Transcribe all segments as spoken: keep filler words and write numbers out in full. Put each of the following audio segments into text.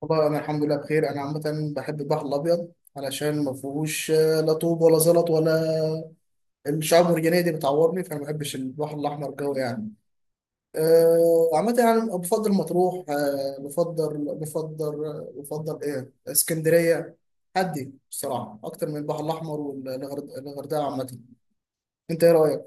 والله انا الحمد لله بخير. انا عامه بحب البحر الابيض علشان ما فيهوش آه، لا طوب ولا زلط ولا الشعاب المرجانيه دي بتعورني، فانا ما بحبش البحر الاحمر جو يعني. آه، عامه يعني بفضل مطروح، آه، بفضل بفضل آه، بفضل ايه اسكندريه. هدي بصراحه اكتر من البحر الاحمر والغردقه عامه. انت ايه رايك؟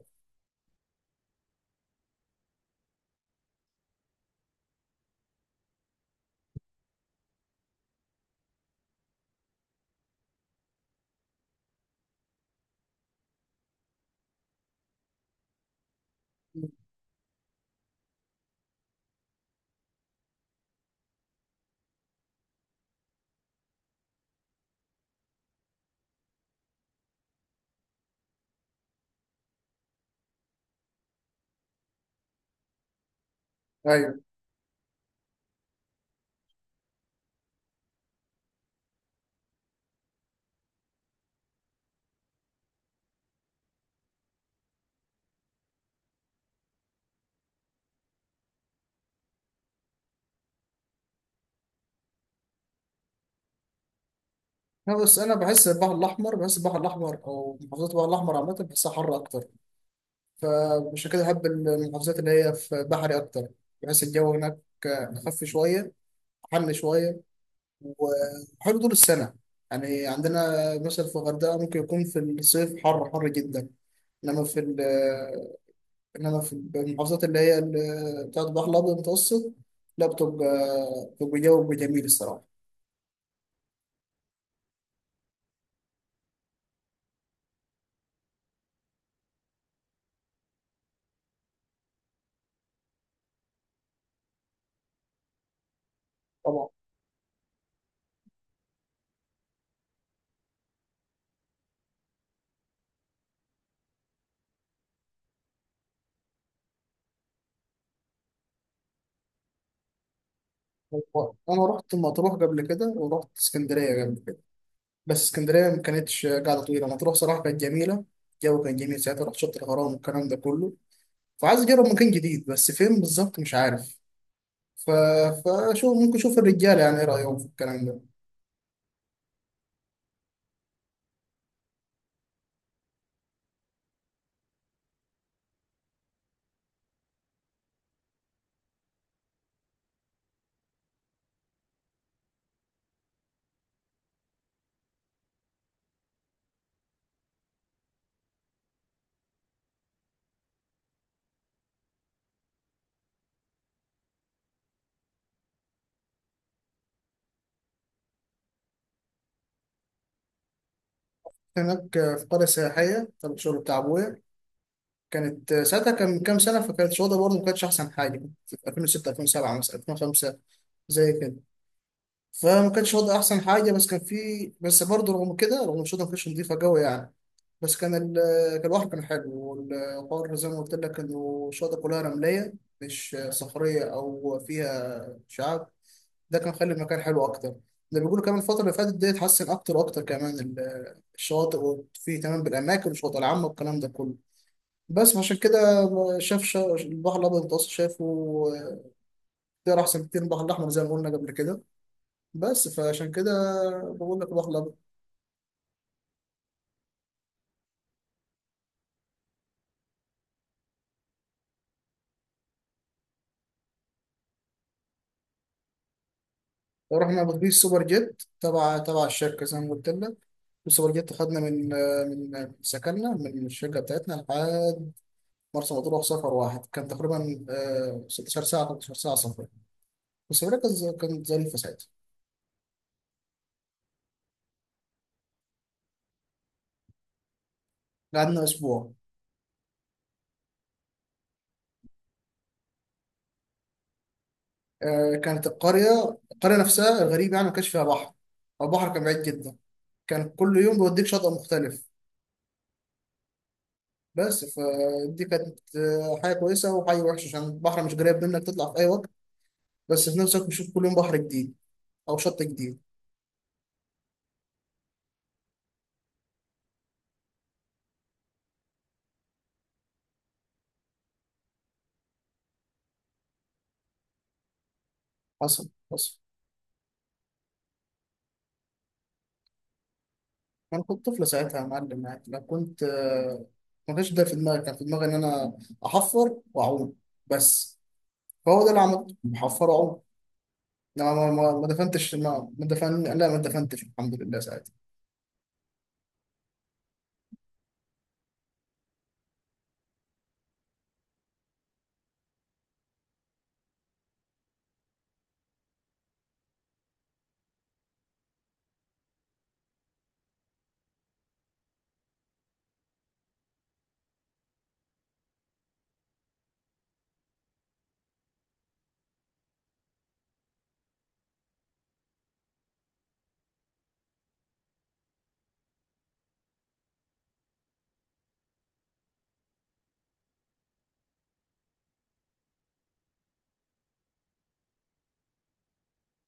ايوه. أنا، بس انا بحس البحر الاحمر بحس البحر الاحمر او محافظات البحر الاحمر عامه بحسها حر اكتر. فمش كده، أحب المحافظات اللي هي في بحري أكتر، بحيث الجو هناك أخف شوية، حر شوية، وحلو طول السنة. يعني عندنا مثلا في الغردقة ممكن يكون في الصيف حر حر جدا. إنما في ال- إنما في المحافظات اللي هي ال- بتاعت البحر الأبيض المتوسط، لا، بتبقى بتبقى جو جميل الصراحة. طبعا. أنا رحت مطروح قبل كده ورحت اسكندرية قبل كده، بس اسكندرية ما كانتش قاعدة طويلة. مطروح صراحة كانت جميلة، الجو كان جميل ساعتها، رحت شط الغرام والكلام ده كله. فعايز أجرب مكان جديد بس فين بالظبط مش عارف. ف... فشو ممكن أشوف الرجالة يعني إيه رأيهم في الكلام ده؟ هناك في قرية سياحية تبع الشغل بتاع أبويا. كانت ساعتها، كان من كام سنة، فكانت الوضع برضه ما كانتش أحسن حاجة. في ألفين وستة، ألفين وسبعة مثلا، ألفين وخمسة، زي كده. فما كانش وضع أحسن حاجة، بس كان في بس برضه رغم كده، رغم الشغل، ما كانتش نضيفة قوي يعني. بس كان ال كان البحر كان حلو، والقار زي ما قلت لك، إنه الشاطئ كلها رملية، مش صخرية أو فيها شعاب. ده كان خلي المكان حلو أكتر. ده بيقولوا كمان الفترة اللي فاتت دي اتحسن أكتر وأكتر، كمان ال- الشواطئ، وفيه تمام بالأماكن والشواطئ العامة والكلام ده كله. بس عشان كده شاف شا- البحر الأبيض المتوسط شايفه اختيار أحسن كتير من البحر الأحمر زي ما قلنا قبل كده. بس فعشان كده، بقول لك البحر الأبيض. رحنا باتوبيس سوبر جيت تبع تبع الشركه زي ما قلت لك. السوبر جيت خدنا من من سكننا من الشركه بتاعتنا لحد مرسى مطروح. سفر واحد كان تقريبا آه، ستاشر ساعه، تلتاشر ساعه سفر. بس الرحله كانت ز- كانت ظريفه ساعتها. قعدنا اسبوع. آه، كانت القريه القريه نفسها الغريب يعني، ما كانش فيها بحر، أو البحر كان بعيد جدا. كان كل يوم بيوديك شاطئ مختلف. بس فدي كانت آه، حاجه كويسه وحاجه وحشه، عشان البحر مش قريب منك تطلع في اي وقت، بس في نفس الوقت بتشوف كل يوم بحر جديد او شط جديد. حصل، حصل. انا كنت طفل ساعتها يا معلم، يعني انا كنت، آه، ما كانش ده في دماغي، كان في دماغي ان انا احفر واعوم بس. فهو ده اللي عملته، بحفر واعوم. انا ما ما ما دفنتش ما ما دفن لا ما دفنتش الحمد لله ساعتها.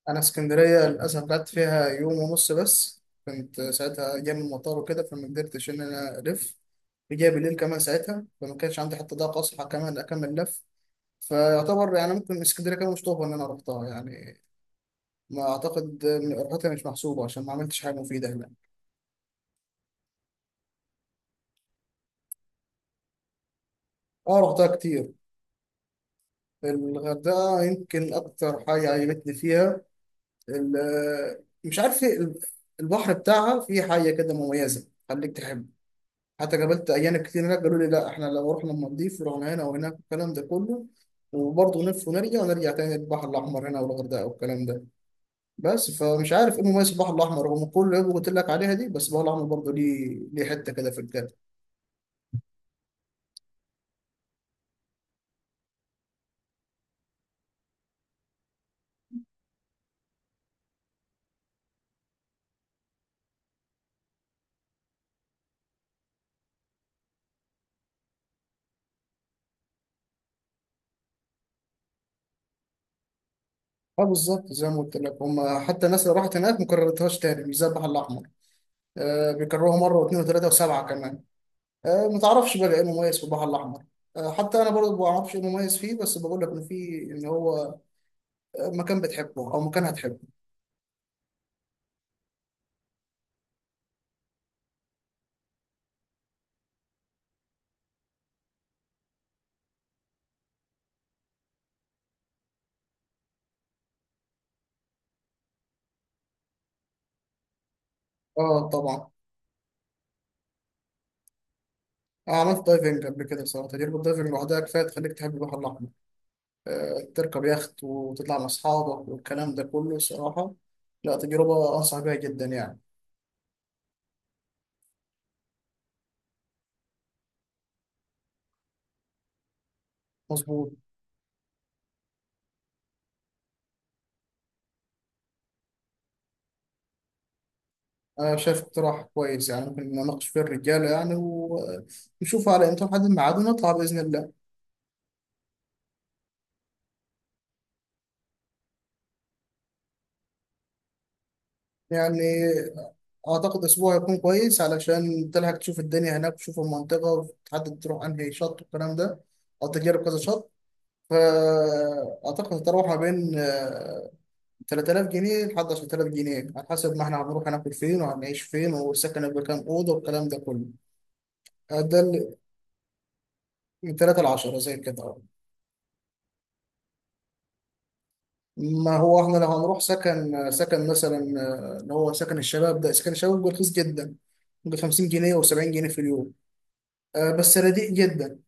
انا اسكندريه للاسف قعدت فيها يوم ونص بس، كنت ساعتها جاي من المطار وكده، فما قدرتش ان انا الف. جاي بالليل كمان ساعتها، فما كانش عندي حتى ضاقه اصحى كمان اكمل لف. فيعتبر يعني، ممكن اسكندريه كده مش طوبه ان انا رحتها يعني، ما اعتقد ان رحلتها مش محسوبه عشان ما عملتش حاجه مفيده هناك. اه، رحتها كتير. الغردقه يمكن اكتر حاجه عجبتني فيها، ال- مش عارف إيه، ال- البحر بتاعها فيه حاجه كده مميزه خليك تحب. حتى قابلت اجانب كتير هناك قالوا لي لا، احنا لو رحنا المالديف ورحنا هنا وهناك والكلام ده كله، وبرضه نلف ونرجع، ونرجع تاني البحر الاحمر هنا والغردقه والكلام ده. بس فمش عارف ايه مميز البحر الاحمر، رغم كل اللي قلت لك عليها دي، بس البحر الاحمر برضه ليه ليه حته كده في الجنة. اه، بالظبط زي ما قلت لك هم، حتى الناس اللي راحت هناك ما كررتهاش تاني، مش زي البحر الاحمر. آه، بيكرروها مره واثنين وثلاثه وسبعه كمان. آه، ما تعرفش بقى ايه المميز في البحر الاحمر. آه، حتى انا برضه ما اعرفش ايه المميز فيه، بس بقول لك ان في، ان هو آه، مكان بتحبه او مكان هتحبه. اه، طبعا. أنا عملت دايفنج قبل كده، بصراحة تجربة الدايفنج لوحدها كفاية تخليك تحب البحر الأحمر. آه، تركب يخت وتطلع مع أصحابك والكلام ده كله الصراحة، لا، تجربة أنصح بيها جدا يعني. مظبوط. أنا شايف اقتراح كويس يعني، ممكن نناقش فيه الرجالة يعني، ونشوف على إمتى نحدد ميعاد، ونطلع بإذن الله. يعني أعتقد أسبوع هيكون كويس علشان تلحق تشوف الدنيا هناك وتشوف المنطقة، وتحدد تروح أنهي شط والكلام ده، أو تجرب كذا شط. فأعتقد هتروح ما بين آه، ثلاثة آلاف جنيه لحد عشرت آلاف جنيه، على حسب ما إحنا هنروح هناكل فين وهنعيش فين، والسكن هيبقى كام أوضة والكلام ده كله. آه، ده ال- من ثلاثة ل عشرة زي كده. ما هو احنا لو هنروح سكن سكن مثلا، آه، اللي هو سكن الشباب، ده سكن الشباب بيبقى رخيص جدا، ب خمسين جنيه و70 جنيه في اليوم. آه، بس رديء جدا.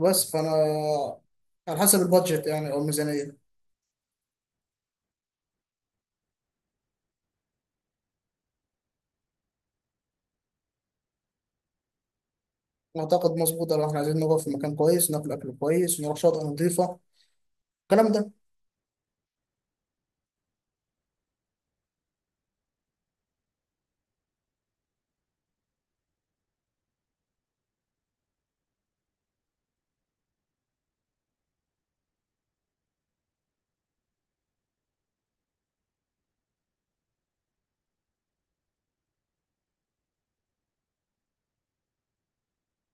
بس فانا، على حسب البادجت يعني، او الميزانيه. اعتقد مظبوطه لو احنا عايزين نقعد في مكان كويس، ناكل اكل كويس، نروح شاطئ نظيفه، الكلام ده.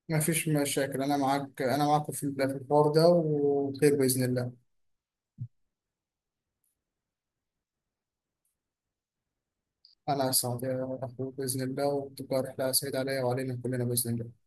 ما فيش مشاكل، انا معاك، انا معاك في ال- في الحوار ده وخير باذن الله. انا اسعد يا اخوي باذن الله، وتبقى رحله سعيده عليا وعلينا كلنا باذن الله.